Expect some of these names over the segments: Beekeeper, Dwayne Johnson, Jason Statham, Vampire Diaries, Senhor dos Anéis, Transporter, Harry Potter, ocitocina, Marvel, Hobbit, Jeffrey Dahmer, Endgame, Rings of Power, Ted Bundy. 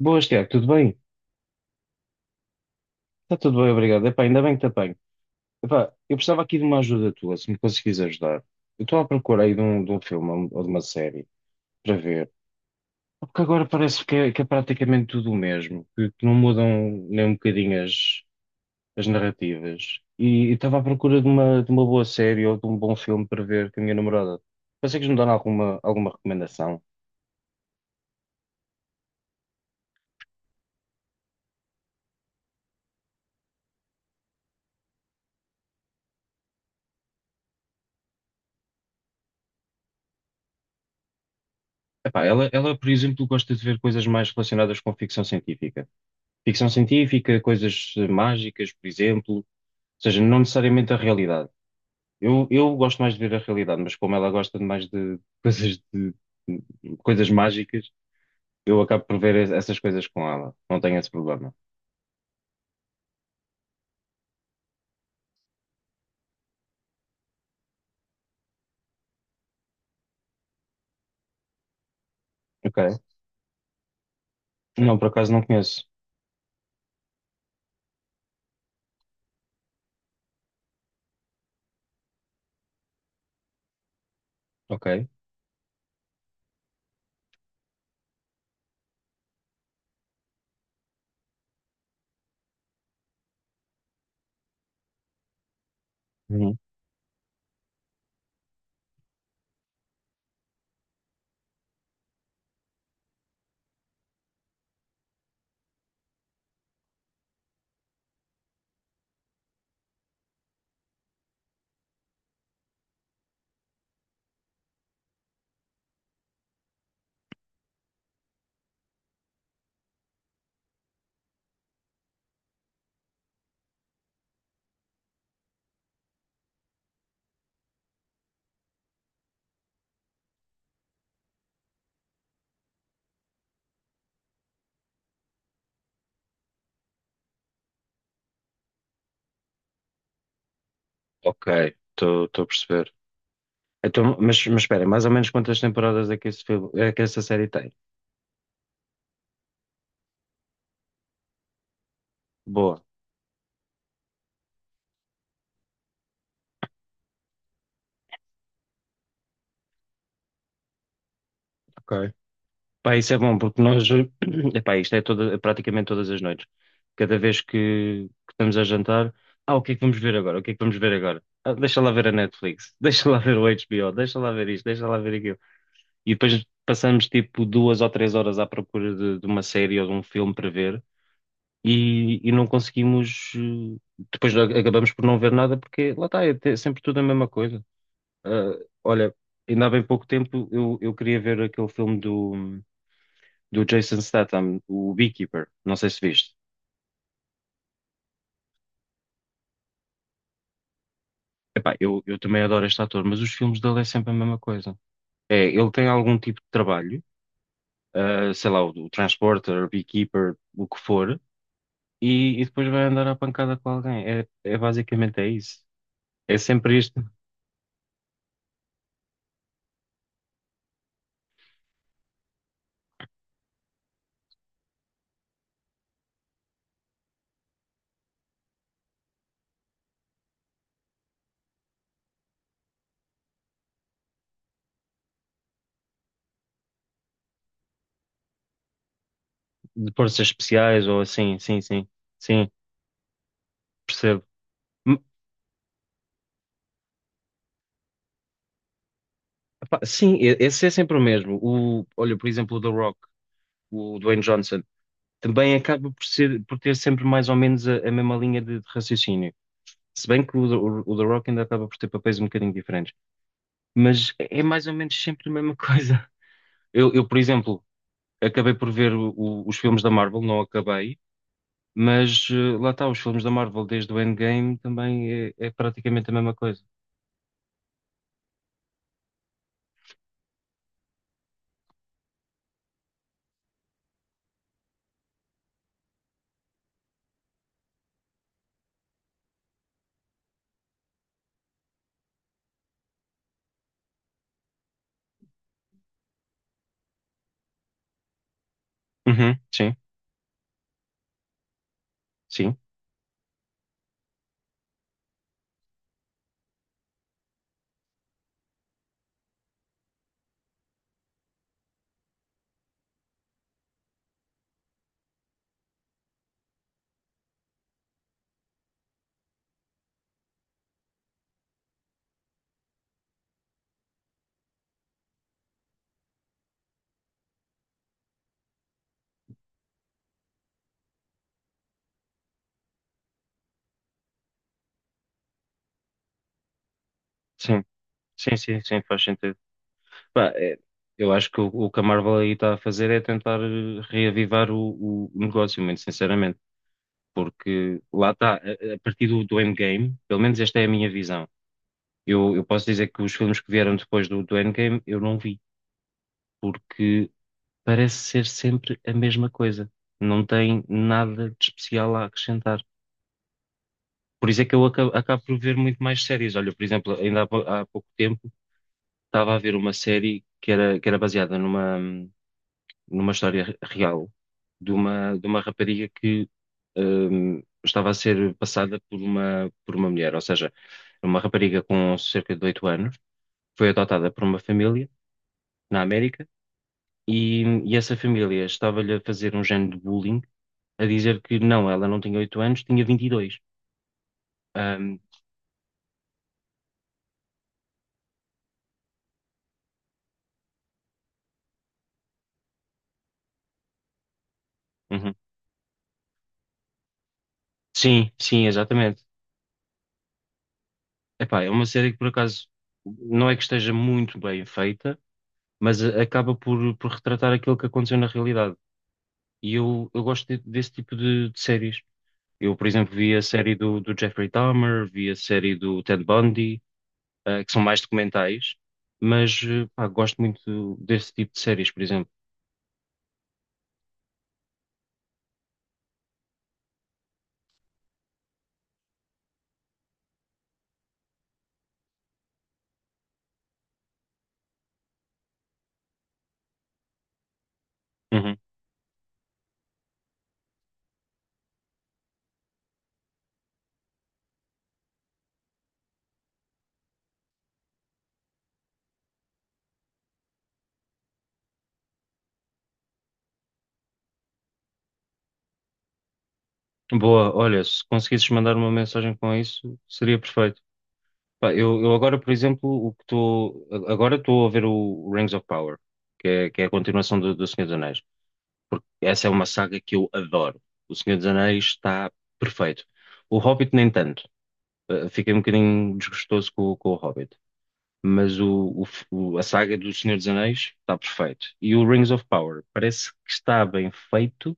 Boas, Tiago, tudo bem? Está tudo bem, obrigado. Epá, ainda bem que te apanho. Epá, eu precisava aqui de uma ajuda tua, se me conseguires ajudar. Eu estou à procura aí de um filme ou de uma série para ver. Porque agora parece que é praticamente tudo o mesmo, que não mudam nem um bocadinho as narrativas. E estava à procura de uma boa série ou de um bom filme para ver com a minha namorada. Consegues me dar alguma recomendação? Epá, ela, por exemplo, gosta de ver coisas mais relacionadas com ficção científica. Ficção científica, coisas mágicas, por exemplo, ou seja, não necessariamente a realidade. Eu gosto mais de ver a realidade, mas como ela gosta de mais de de coisas mágicas, eu acabo por ver essas coisas com ela. Não tenho esse problema. Ok? Não, por acaso não conheço. Ok? Uhum. Ok, estou a perceber. Então, mas espera, mais ou menos quantas temporadas é que esse filme, é que essa série tem? Boa. Ok. Pá, isso é bom, porque nós, epá, isto é toda, praticamente todas as noites. Cada vez que estamos a jantar, ah, o que é que vamos ver agora? O que é que vamos ver agora? Ah, deixa lá ver a Netflix, deixa lá ver o HBO, deixa lá ver isto, deixa lá ver aquilo. E depois passamos tipo duas ou três horas à procura de uma série ou de um filme para ver e não conseguimos, depois acabamos por não ver nada porque lá está, é sempre tudo a mesma coisa. Ah, olha, ainda há bem pouco tempo eu queria ver aquele filme do Jason Statham, o Beekeeper, não sei se viste. Epá, eu também adoro este ator, mas os filmes dele é sempre a mesma coisa. É, ele tem algum tipo de trabalho, ah, sei lá, o Transporter, o Beekeeper, o que for, e depois vai andar à pancada com alguém. É, é basicamente é isso. É sempre isto de forças especiais ou assim, sim, sim, sim, percebo. M- Epá, sim, esse é sempre o mesmo. Olha, por exemplo, o The Rock, o Dwayne Johnson, também acaba por ser, por ter sempre mais ou menos a mesma linha de raciocínio. Se bem que o The Rock ainda acaba por ter papéis um bocadinho diferentes, mas é mais ou menos sempre a mesma coisa. Por exemplo, acabei por ver os filmes da Marvel, não acabei, mas lá está, os filmes da Marvel desde o Endgame também é praticamente a mesma coisa. Uhum, sim, sim, sim, sim, sim, sim, faz sentido. Pá, é, eu acho que o que a Marvel aí está a fazer é tentar reavivar o negócio, muito sinceramente, porque lá está, a partir do Endgame, pelo menos esta é a minha visão. Eu posso dizer que os filmes que vieram depois do Endgame eu não vi, porque parece ser sempre a mesma coisa. Não tem nada de especial a acrescentar. Por isso é que eu acabo por ver muito mais séries. Olha, por exemplo, ainda há pouco tempo estava a ver uma série que era baseada numa história real de uma rapariga que estava a ser passada por uma mulher. Ou seja, uma rapariga com cerca de 8 anos, foi adotada por uma família na América. E essa família estava-lhe a fazer um género de bullying, a dizer que não, ela não tinha 8 anos, tinha 22. Ahm, uhum. Sim, sim, exatamente. Epá, é uma série que por acaso não é que esteja muito bem feita, mas acaba por retratar aquilo que aconteceu na realidade. E eu gosto desse tipo de séries. Eu, por exemplo, vi a série do Jeffrey Dahmer, vi a série do Ted Bundy, ah, que são mais documentais, mas eh, pá, gosto muito desse tipo de séries, por exemplo. Uhum. Boa, olha, se conseguisses mandar uma mensagem com isso, seria perfeito. Pá, eu agora, por exemplo, o que estou. Agora estou a ver o Rings of Power, que é a continuação do Senhor dos Anéis, porque essa é uma saga que eu adoro. O Senhor dos Anéis está perfeito. O Hobbit, nem tanto. Eh, fiquei um bocadinho desgostoso com o Hobbit. Mas a saga do Senhor dos Anéis está perfeito. E o Rings of Power parece que está bem feito,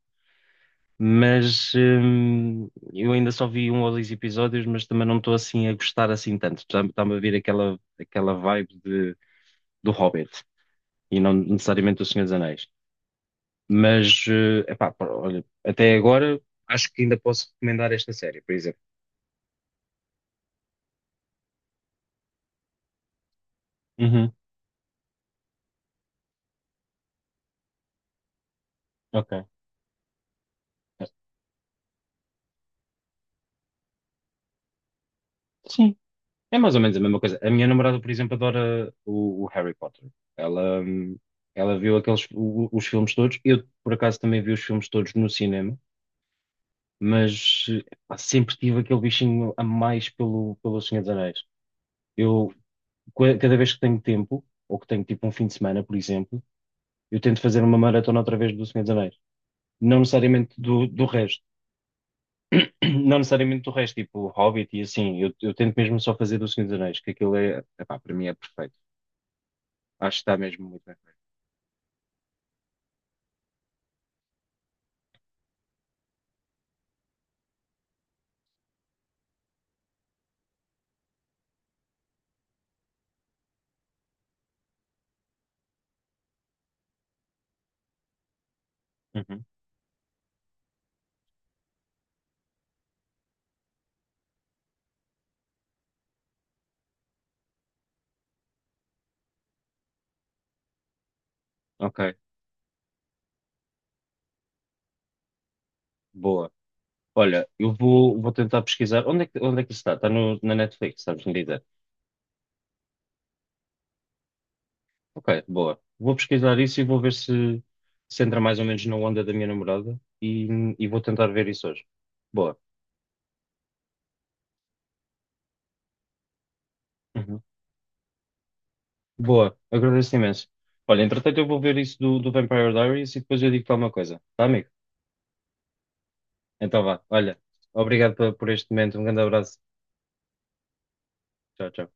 mas eu ainda só vi um ou dois episódios, mas também não estou assim a gostar assim tanto. Está-me a vir aquela vibe do Hobbit e não necessariamente do Senhor dos Anéis. Mas, eh, epá, pá, olha, até agora acho que ainda posso recomendar esta série, por exemplo. Uhum, ok. Sim, é mais ou menos a mesma coisa. A minha namorada, por exemplo, adora o Harry Potter. Ela, ela viu aqueles, os filmes todos. Eu, por acaso, também vi os filmes todos no cinema. Mas eh, pá, sempre tive aquele bichinho a mais pelo, pelo Senhor dos Anéis. Eu, cada vez que tenho tempo, ou que tenho tipo um fim de semana, por exemplo, eu tento fazer uma maratona outra vez do Senhor dos Anéis. Não necessariamente do resto. Não necessariamente do resto, tipo Hobbit e assim. Eu tento mesmo só fazer do Senhor dos Anéis, que aquilo é, epá, para mim é perfeito. Acho que está mesmo muito bem feito. Uhum. Ok, boa. Olha, vou tentar pesquisar. Onde é onde é que isso está? Está no, na Netflix, sabes me dizer? Ok, boa. Vou pesquisar isso e vou ver se entra mais ou menos na onda da minha namorada e vou tentar ver isso hoje. Boa. Uhum. Boa, agradeço imenso. Olha, entretanto eu vou ver isso do Vampire Diaries e depois eu digo-te alguma coisa, tá, amigo? Então vá, olha, obrigado por este momento, um grande abraço. Tchau, tchau.